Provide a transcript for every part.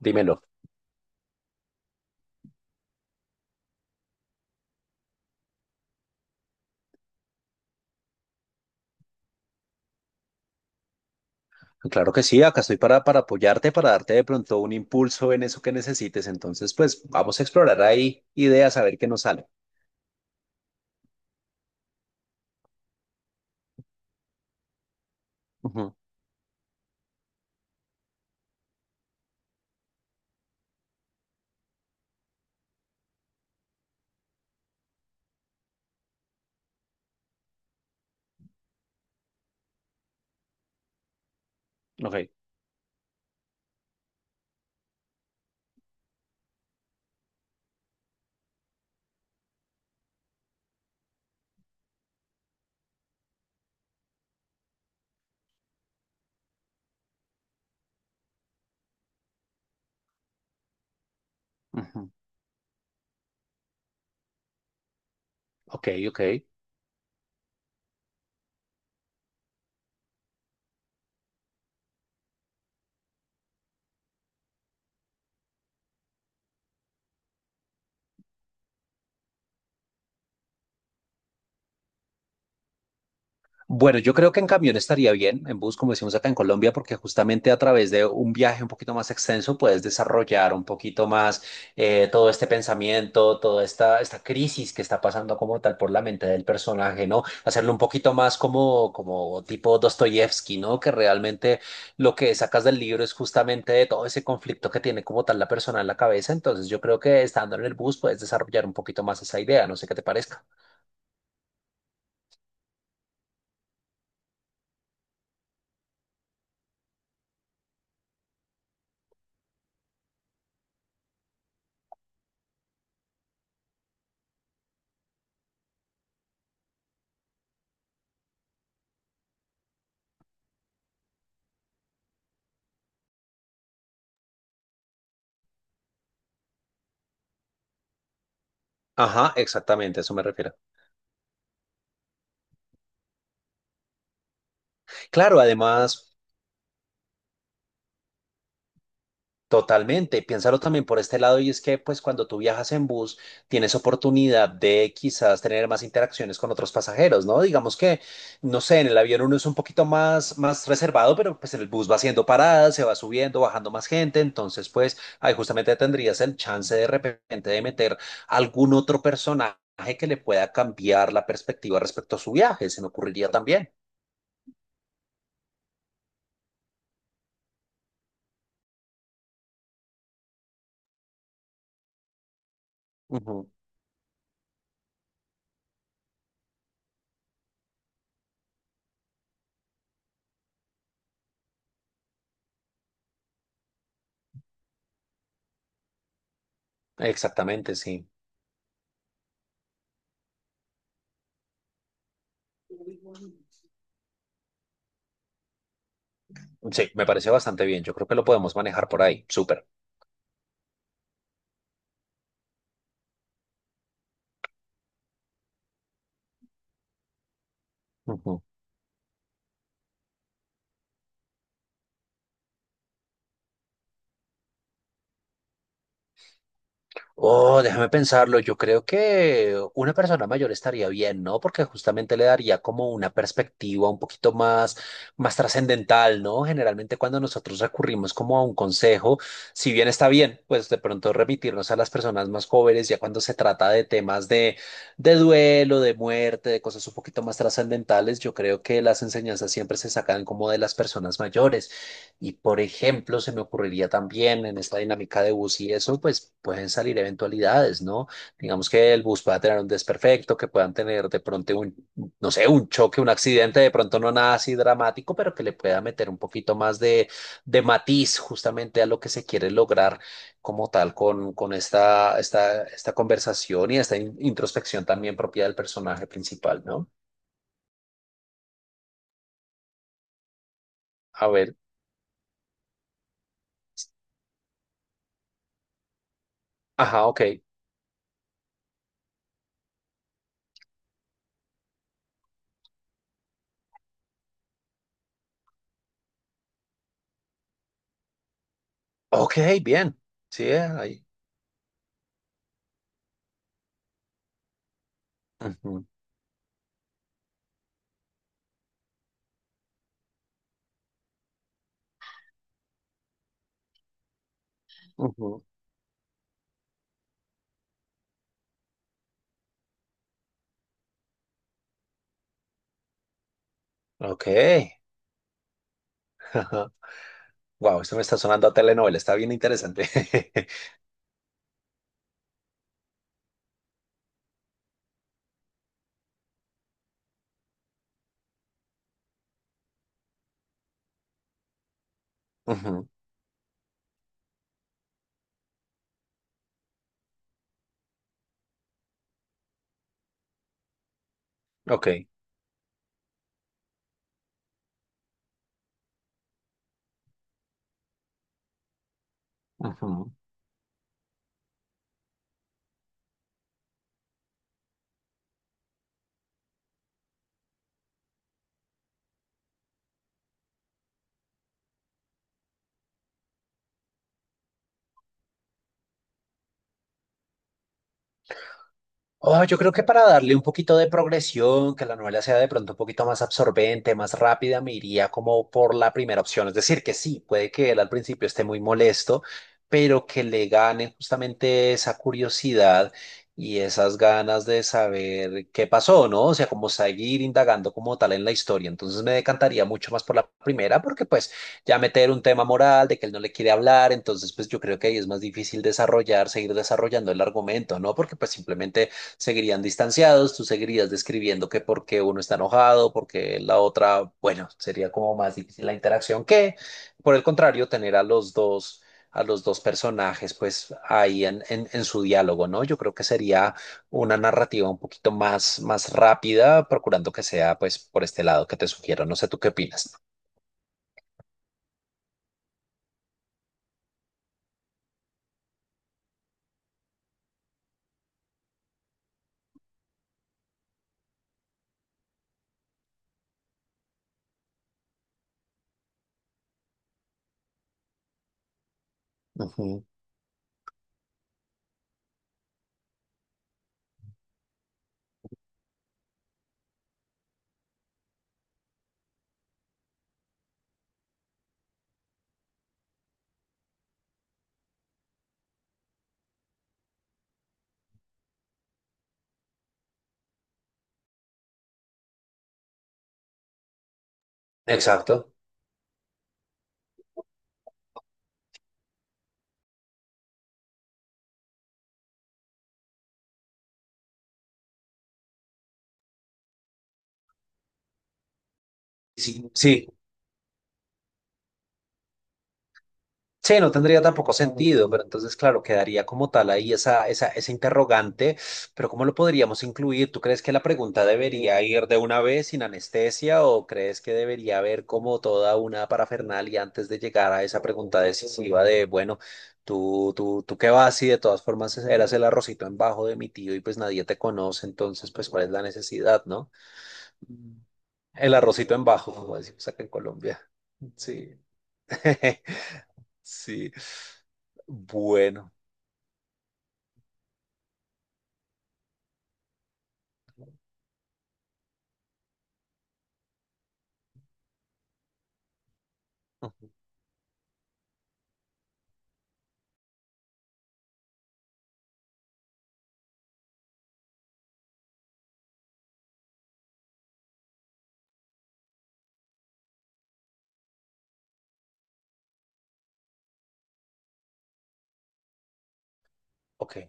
Dímelo. Claro que sí, acá estoy para apoyarte, para darte de pronto un impulso en eso que necesites. Entonces, pues vamos a explorar ahí ideas, a ver qué nos sale. Ujú. Ok. Ujú. Ok, ok. Bueno, yo creo que en camión estaría bien, en bus, como decimos acá en Colombia, porque justamente a través de un viaje un poquito más extenso puedes desarrollar un poquito más todo este pensamiento, toda esta crisis que está pasando como tal por la mente del personaje, ¿no? Hacerlo un poquito más como tipo Dostoyevsky, ¿no? Que realmente lo que sacas del libro es justamente de todo ese conflicto que tiene como tal la persona en la cabeza. Entonces, yo creo que estando en el bus puedes desarrollar un poquito más esa idea, no sé qué te parezca. Ajá, exactamente, a eso me refiero. Claro, además. Totalmente, piénsalo también por este lado y es que pues cuando tú viajas en bus tienes oportunidad de quizás tener más interacciones con otros pasajeros, ¿no? Digamos que, no sé, en el avión uno es un poquito más, más reservado, pero pues en el bus va haciendo paradas, se va subiendo, bajando más gente, entonces pues ahí justamente tendrías el chance de repente de meter algún otro personaje que le pueda cambiar la perspectiva respecto a su viaje, se me ocurriría también. Ujú. Exactamente, sí. Sí, me parece bastante bien, yo creo que lo podemos manejar por ahí, súper. Ujú. Oh, déjame pensarlo. Yo creo que una persona mayor estaría bien, ¿no? Porque justamente le daría como una perspectiva un poquito más, más trascendental, ¿no? Generalmente cuando nosotros recurrimos como a un consejo, si bien está bien, pues de pronto remitirnos a las personas más jóvenes, ya cuando se trata de temas de duelo, de muerte, de cosas un poquito más trascendentales, yo creo que las enseñanzas siempre se sacan como de las personas mayores. Y por ejemplo, se me ocurriría también en esta dinámica de bus y eso, pues pueden salir eventualidades, ¿no? Digamos que el bus pueda tener un desperfecto, que puedan tener de pronto un, no sé, un choque, un accidente, de pronto no nada así dramático, pero que le pueda meter un poquito más de matiz justamente a lo que se quiere lograr como tal con esta conversación y esta introspección también propia del personaje principal, ¿no? A ver, ajá, ok. Ok, bien. Sí, ahí. Ujú, ujú. Ok. Wow, esto me está sonando a telenovela, está bien interesante. Ujú. Ok. Ujú. Oh, yo creo que para darle un poquito de progresión, que la novela sea de pronto un poquito más absorbente, más rápida, me iría como por la primera opción. Es decir, que sí, puede que él al principio esté muy molesto, pero que le gane justamente esa curiosidad y esas ganas de saber qué pasó, ¿no? O sea, como seguir indagando como tal en la historia. Entonces me decantaría mucho más por la primera, porque pues ya meter un tema moral de que él no le quiere hablar, entonces pues yo creo que ahí es más difícil desarrollar, seguir desarrollando el argumento, ¿no? Porque pues simplemente seguirían distanciados, tú seguirías describiendo que por qué uno está enojado, porque la otra, bueno, sería como más difícil la interacción que, por el contrario, tener a a los dos personajes, pues ahí en su diálogo, ¿no? Yo creo que sería una narrativa un poquito más, más rápida, procurando que sea, pues, por este lado que te sugiero. No sé, ¿tú qué opinas? Ujú. Exacto. Sí, sí. Sí, no tendría tampoco sentido, pero entonces, claro, quedaría como tal ahí esa interrogante, pero ¿cómo lo podríamos incluir? ¿Tú crees que la pregunta debería ir de una vez sin anestesia o crees que debería haber como toda una parafernalia antes de llegar a esa pregunta decisiva de, bueno, tú qué vas y de todas formas eras el arrocito en bajo de mi tío y pues nadie te conoce, entonces, pues, ¿cuál es la necesidad, no? Mm. El arrocito en bajo, como decimos acá en Colombia. Sí. Sí. Bueno. Ujú. Ok,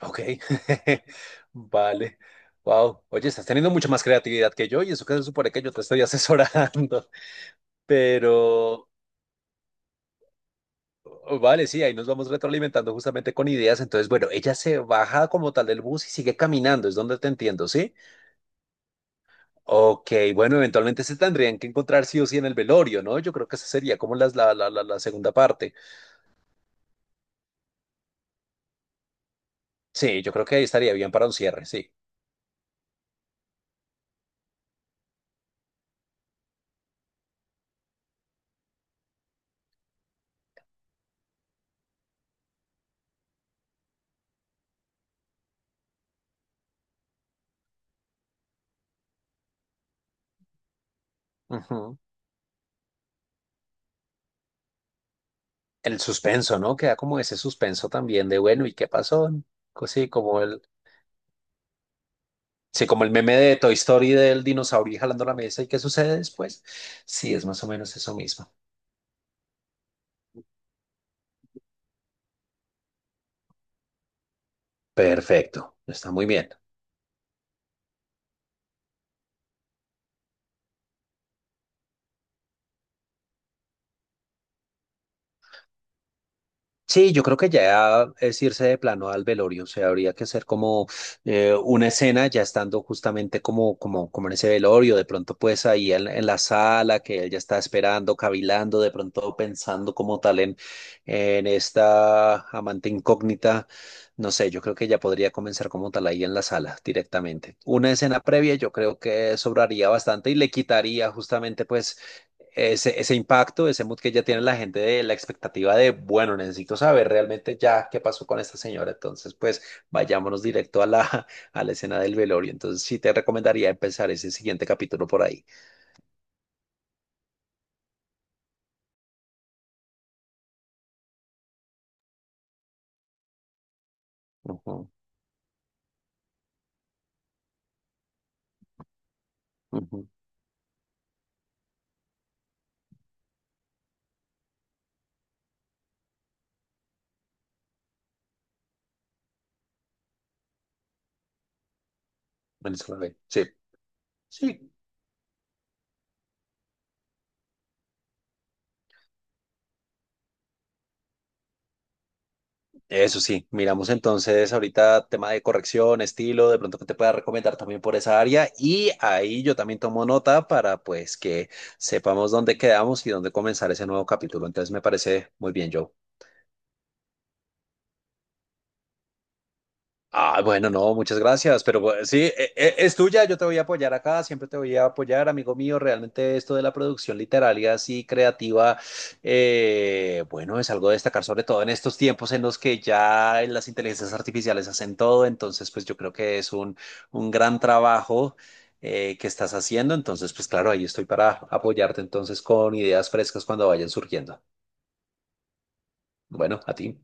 ok. Vale. Wow. Oye, estás teniendo mucha más creatividad que yo y eso que se supone que yo te estoy asesorando. Pero, oh, vale, sí, ahí nos vamos retroalimentando justamente con ideas. Entonces, bueno, ella se baja como tal del bus y sigue caminando, es donde te entiendo, ¿sí? Ok, bueno, eventualmente se tendrían que encontrar sí o sí en el velorio, ¿no? Yo creo que esa sería como la segunda parte. Sí, yo creo que ahí estaría bien para un cierre, sí. Ujú. El suspenso, ¿no? Queda como ese suspenso también de, bueno, ¿y qué pasó? Co- Sí, como el, sí, como el meme de Toy Story del dinosaurio jalando la mesa y qué sucede después. Sí, es más o menos eso mismo. Perfecto, está muy bien. Sí, yo creo que ya es irse de plano al velorio, o sea, habría que hacer como una escena ya estando justamente como en ese velorio, de pronto pues ahí en la sala que él ya está esperando, cavilando, de pronto pensando como tal en esta amante incógnita, no sé, yo creo que ya podría comenzar como tal ahí en la sala directamente. Una escena previa yo creo que sobraría bastante y le quitaría justamente pues ese impacto, ese mood que ya tiene la gente de la expectativa de, bueno, necesito saber realmente ya qué pasó con esta señora. Entonces, pues vayámonos directo a la, a la escena del velorio. Entonces, sí te recomendaría empezar ese siguiente capítulo por ahí. Ujú, ujú. Bueno. Sí, sí. Eso sí, miramos entonces ahorita tema de corrección, estilo, de pronto que te pueda recomendar también por esa área y ahí yo también tomo nota para pues que sepamos dónde quedamos y dónde comenzar ese nuevo capítulo. Entonces me parece muy bien, Joe. Ah, bueno, no, muchas gracias, pero bueno, sí, es tuya, yo te voy a apoyar acá, siempre te voy a apoyar, amigo mío, realmente esto de la producción literaria así creativa, bueno, es algo de destacar, sobre todo en estos tiempos en los que ya las inteligencias artificiales hacen todo, entonces pues yo creo que es un gran trabajo que estás haciendo, entonces pues claro, ahí estoy para apoyarte entonces con ideas frescas cuando vayan surgiendo. Bueno, a ti.